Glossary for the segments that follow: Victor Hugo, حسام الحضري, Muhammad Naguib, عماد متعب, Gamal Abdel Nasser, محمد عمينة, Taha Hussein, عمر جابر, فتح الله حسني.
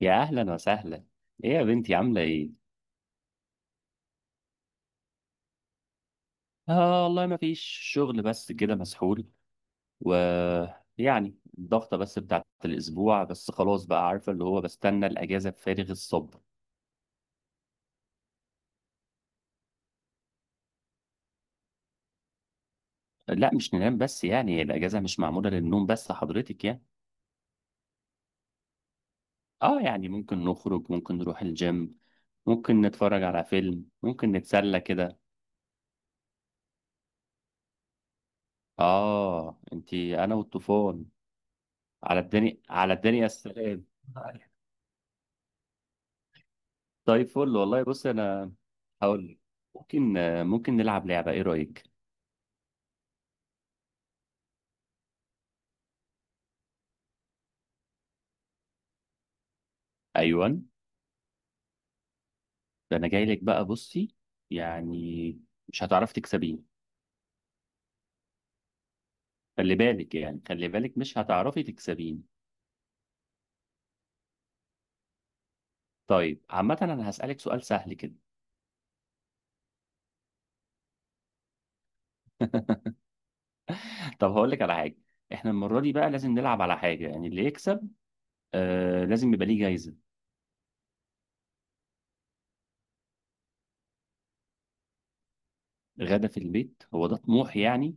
يا اهلا وسهلا. ايه يا بنتي؟ عامله ايه؟ اه والله ما فيش شغل، بس كده مسحول. و يعني الضغطه بس بتاعت الاسبوع، بس خلاص بقى عارفه اللي هو بستنى الاجازه بفارغ الصبر. لا مش ننام بس، يعني الاجازه مش معموله للنوم بس حضرتك يعني. اه يعني ممكن نخرج، ممكن نروح الجيم، ممكن نتفرج على فيلم، ممكن نتسلى كده. اه انتي انا والطوفان. على الدنيا على الدنيا السلام. طيب فل والله، بص انا هقول لك. ممكن ممكن نلعب لعبة، ايه رأيك؟ ايوه، ده انا جاي لك بقى، بصي. يعني مش هتعرفي تكسبيني. خلي بالك، يعني خلي بالك، مش هتعرفي تكسبيني. طيب عامة انا هسألك سؤال سهل كده. طب هقول لك على حاجة. احنا المرة دي بقى لازم نلعب على حاجة، يعني اللي يكسب، لازم يبقى ليه جايزة. غدا في البيت، هو ده طموح يعني؟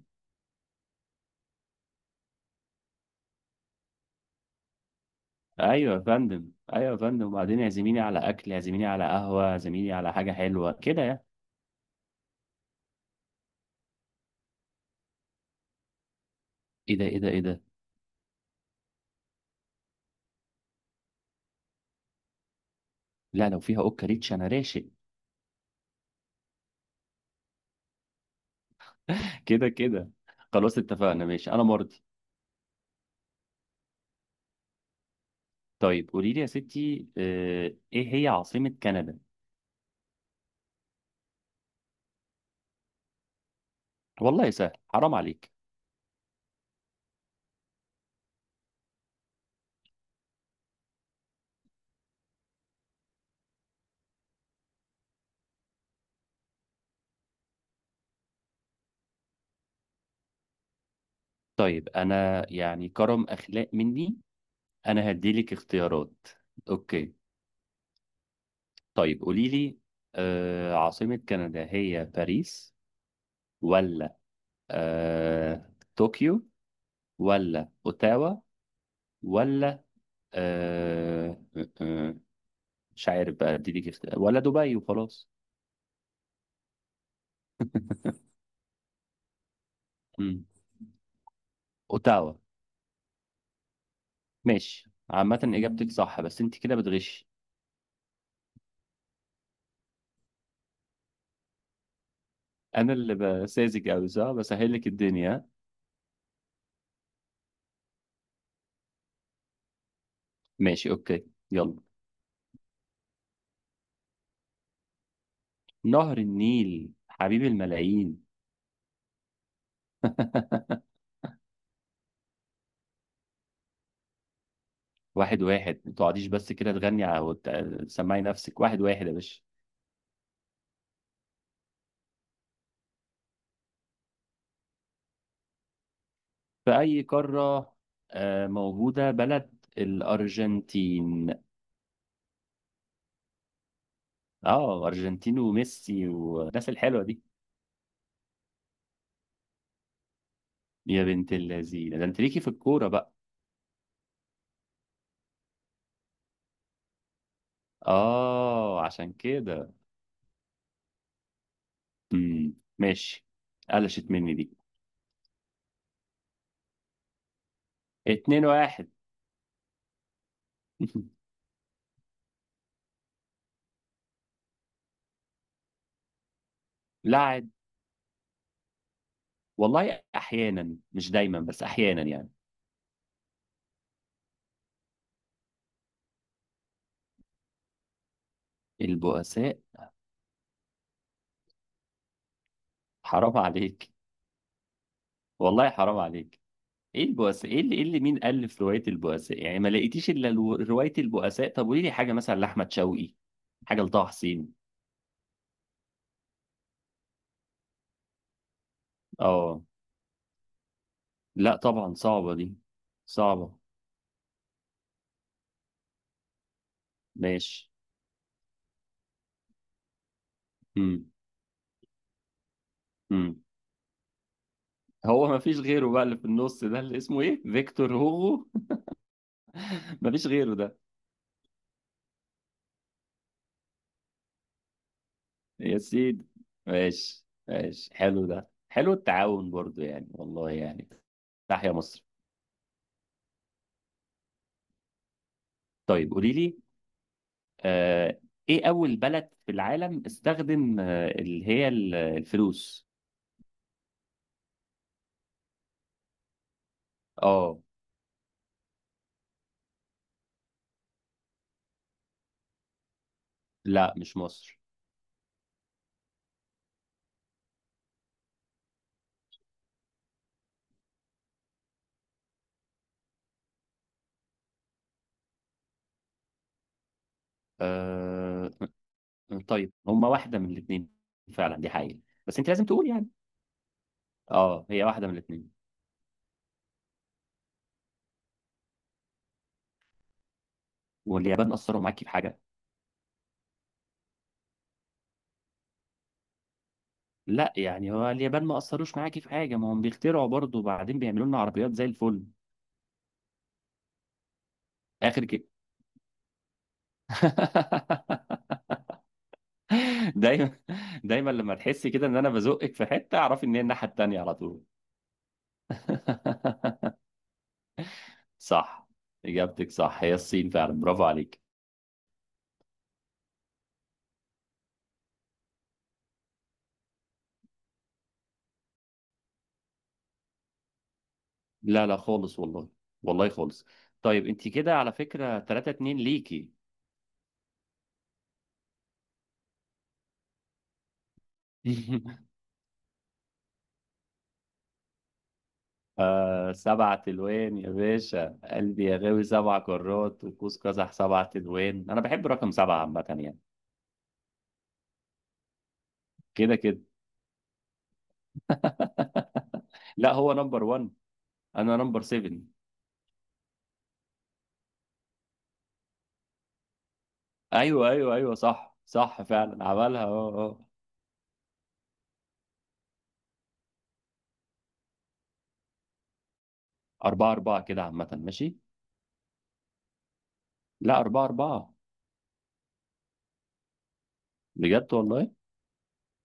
ايوه يا فندم، ايوه يا فندم، وبعدين يعزميني على اكل، يعزميني على قهوة، يعزميني على حاجة حلوة كده يعني. ايه ده؟ ايه ده؟ ايه ده؟ لا لو فيها اوكا ريتش انا راشق. كده كده. خلاص اتفقنا، ماشي انا مرضي. طيب قولي لي يا ستي، ايه هي عاصمة كندا؟ والله سهل، حرام عليك. طيب انا يعني كرم اخلاق مني، انا هديلك اختيارات. اوكي. طيب قولي لي، عاصمة كندا هي باريس، ولا طوكيو، ولا اوتاوا، ولا آه، آه، آه، مش عارف بقى اديلك اختيار، ولا دبي وخلاص؟ مم. اوتاوا. ماشي، عامة إجابتك صح بس أنت كده بتغش. أنا اللي بساذج أوي صح، بسهل لك الدنيا. ماشي أوكي، يلا. نهر النيل حبيب الملايين. واحد واحد ما تقعديش بس كده تغني تسمعي نفسك، واحد واحد يا باشا. في أي قارة موجودة بلد الأرجنتين؟ أه، أرجنتين وميسي والناس الحلوة دي. يا بنت اللذينة، ده أنت ليكي في الكورة بقى. أه، عشان كده. ماشي. قلشت مني دي. 2-1. لاعب. والله احيانا، مش دايما بس احيانا يعني. البؤساء. حرام عليك، والله حرام عليك. ايه البؤساء؟ إيه اللي مين الف روايه البؤساء يعني؟ ما لقيتيش الا روايه البؤساء؟ طب قولي لي حاجه مثلا لاحمد شوقي، حاجه لطه حسين. اه، لا طبعا صعبه دي، صعبه. ماشي. امم امم هو ما فيش غيره بقى اللي في النص ده اللي اسمه ايه؟ فيكتور هوغو؟ ما فيش غيره ده. يا سيدي. ماشي ماشي، حلو ده، حلو التعاون برضو يعني والله يعني. تحيا مصر. طيب قولي لي، آه ايه اول بلد في العالم استخدم اللي هي الفلوس؟ اه، لا مش مصر. آه طيب هما واحدة من الاثنين، فعلا دي حقيقة. بس انت لازم تقول يعني. اه، هي واحدة من الاثنين. واليابان أثروا معاكي في حاجة؟ لا يعني هو اليابان ما أثروش معاكي في حاجة؟ ما هم بيخترعوا برضو، وبعدين بيعملوا لنا عربيات زي الفل. آخر. دايما، دايما لما تحسي كده ان انا بزقك في حته، اعرفي ان هي الناحيه التانيه على طول. صح، اجابتك صح، هي الصين فعلا، برافو عليك. لا لا خالص والله، والله خالص. طيب انت كده على فكره 3-2 ليكي. آه، 7 تلوين يا باشا قلبي يا غاوي، 7 كرات، وقوس قزح 7 تلوين، انا بحب رقم 7 عامه يعني. كده كده. لا، هو نمبر 1. انا نمبر 7. ايوه ايوه ايوه صح صح فعلا عملها اه اه. 4-4 كده عامة، ماشي. لا، 4-4. بجد والله.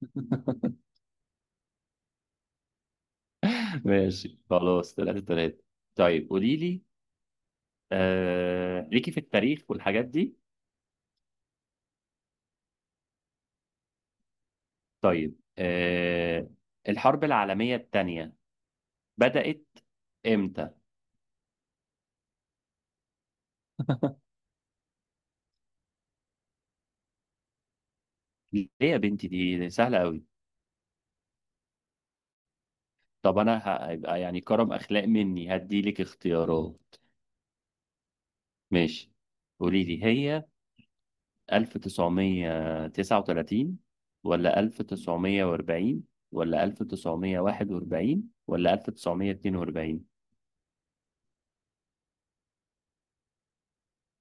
ماشي خلاص، 3-3. طيب قولي لي، ليكي في التاريخ والحاجات دي. طيب الحرب العالمية التانية بدأت امتى؟ ليه يا بنتي؟ دي سهلة قوي. طب أنا هيبقى يعني كرم أخلاق مني هدي لك اختيارات. ماشي. قولي لي هي 1939، ولا 1940، ولا 1941، ولا 1942؟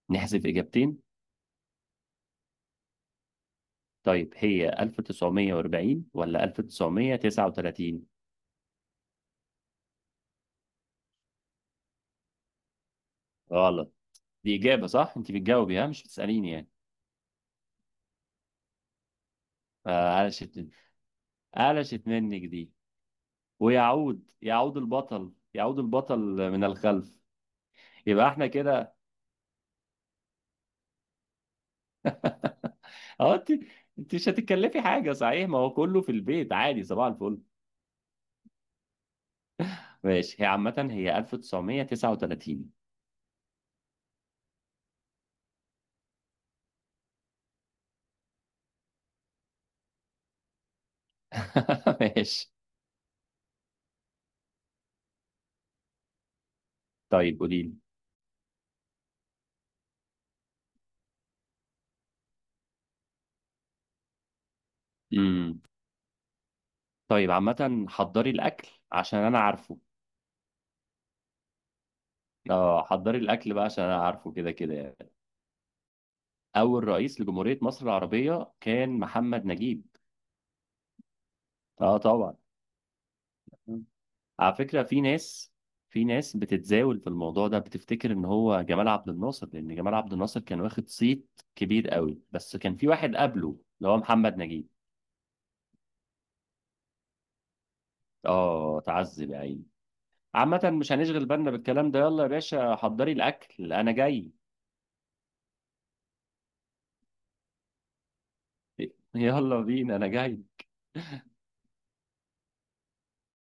نحذف إجابتين. طيب هي 1940 ولا 1939؟ غلط. دي إجابة صح، أنت بتجاوبي ها مش بتسأليني يعني. قلشت، قلشت منك دي. ويعود، يعود البطل، يعود البطل من الخلف. يبقى احنا كده. اه، انت مش هتتكلفي حاجة صحيح، ما هو كله في البيت عادي، صباح الفل. ماشي، هي عامة هي 1939. ماشي. طيب قولي لي. امم طيب عامة، حضري الأكل عشان أنا عارفه. اه، حضري الأكل بقى عشان أنا عارفه كده كده يعني. أول رئيس لجمهورية مصر العربية كان محمد نجيب. اه طبعا. مم. على فكرة في ناس، بتتزاول في الموضوع ده، بتفتكر إن هو جمال عبد الناصر، لأن جمال عبد الناصر كان واخد صيت كبير قوي، بس كان في واحد قبله اللي هو محمد نجيب. اه، تعذب يا عيني. عامة مش هنشغل بالنا بالكلام ده. يلا يا باشا حضري الأكل أنا جاي. يلا بينا أنا جاي.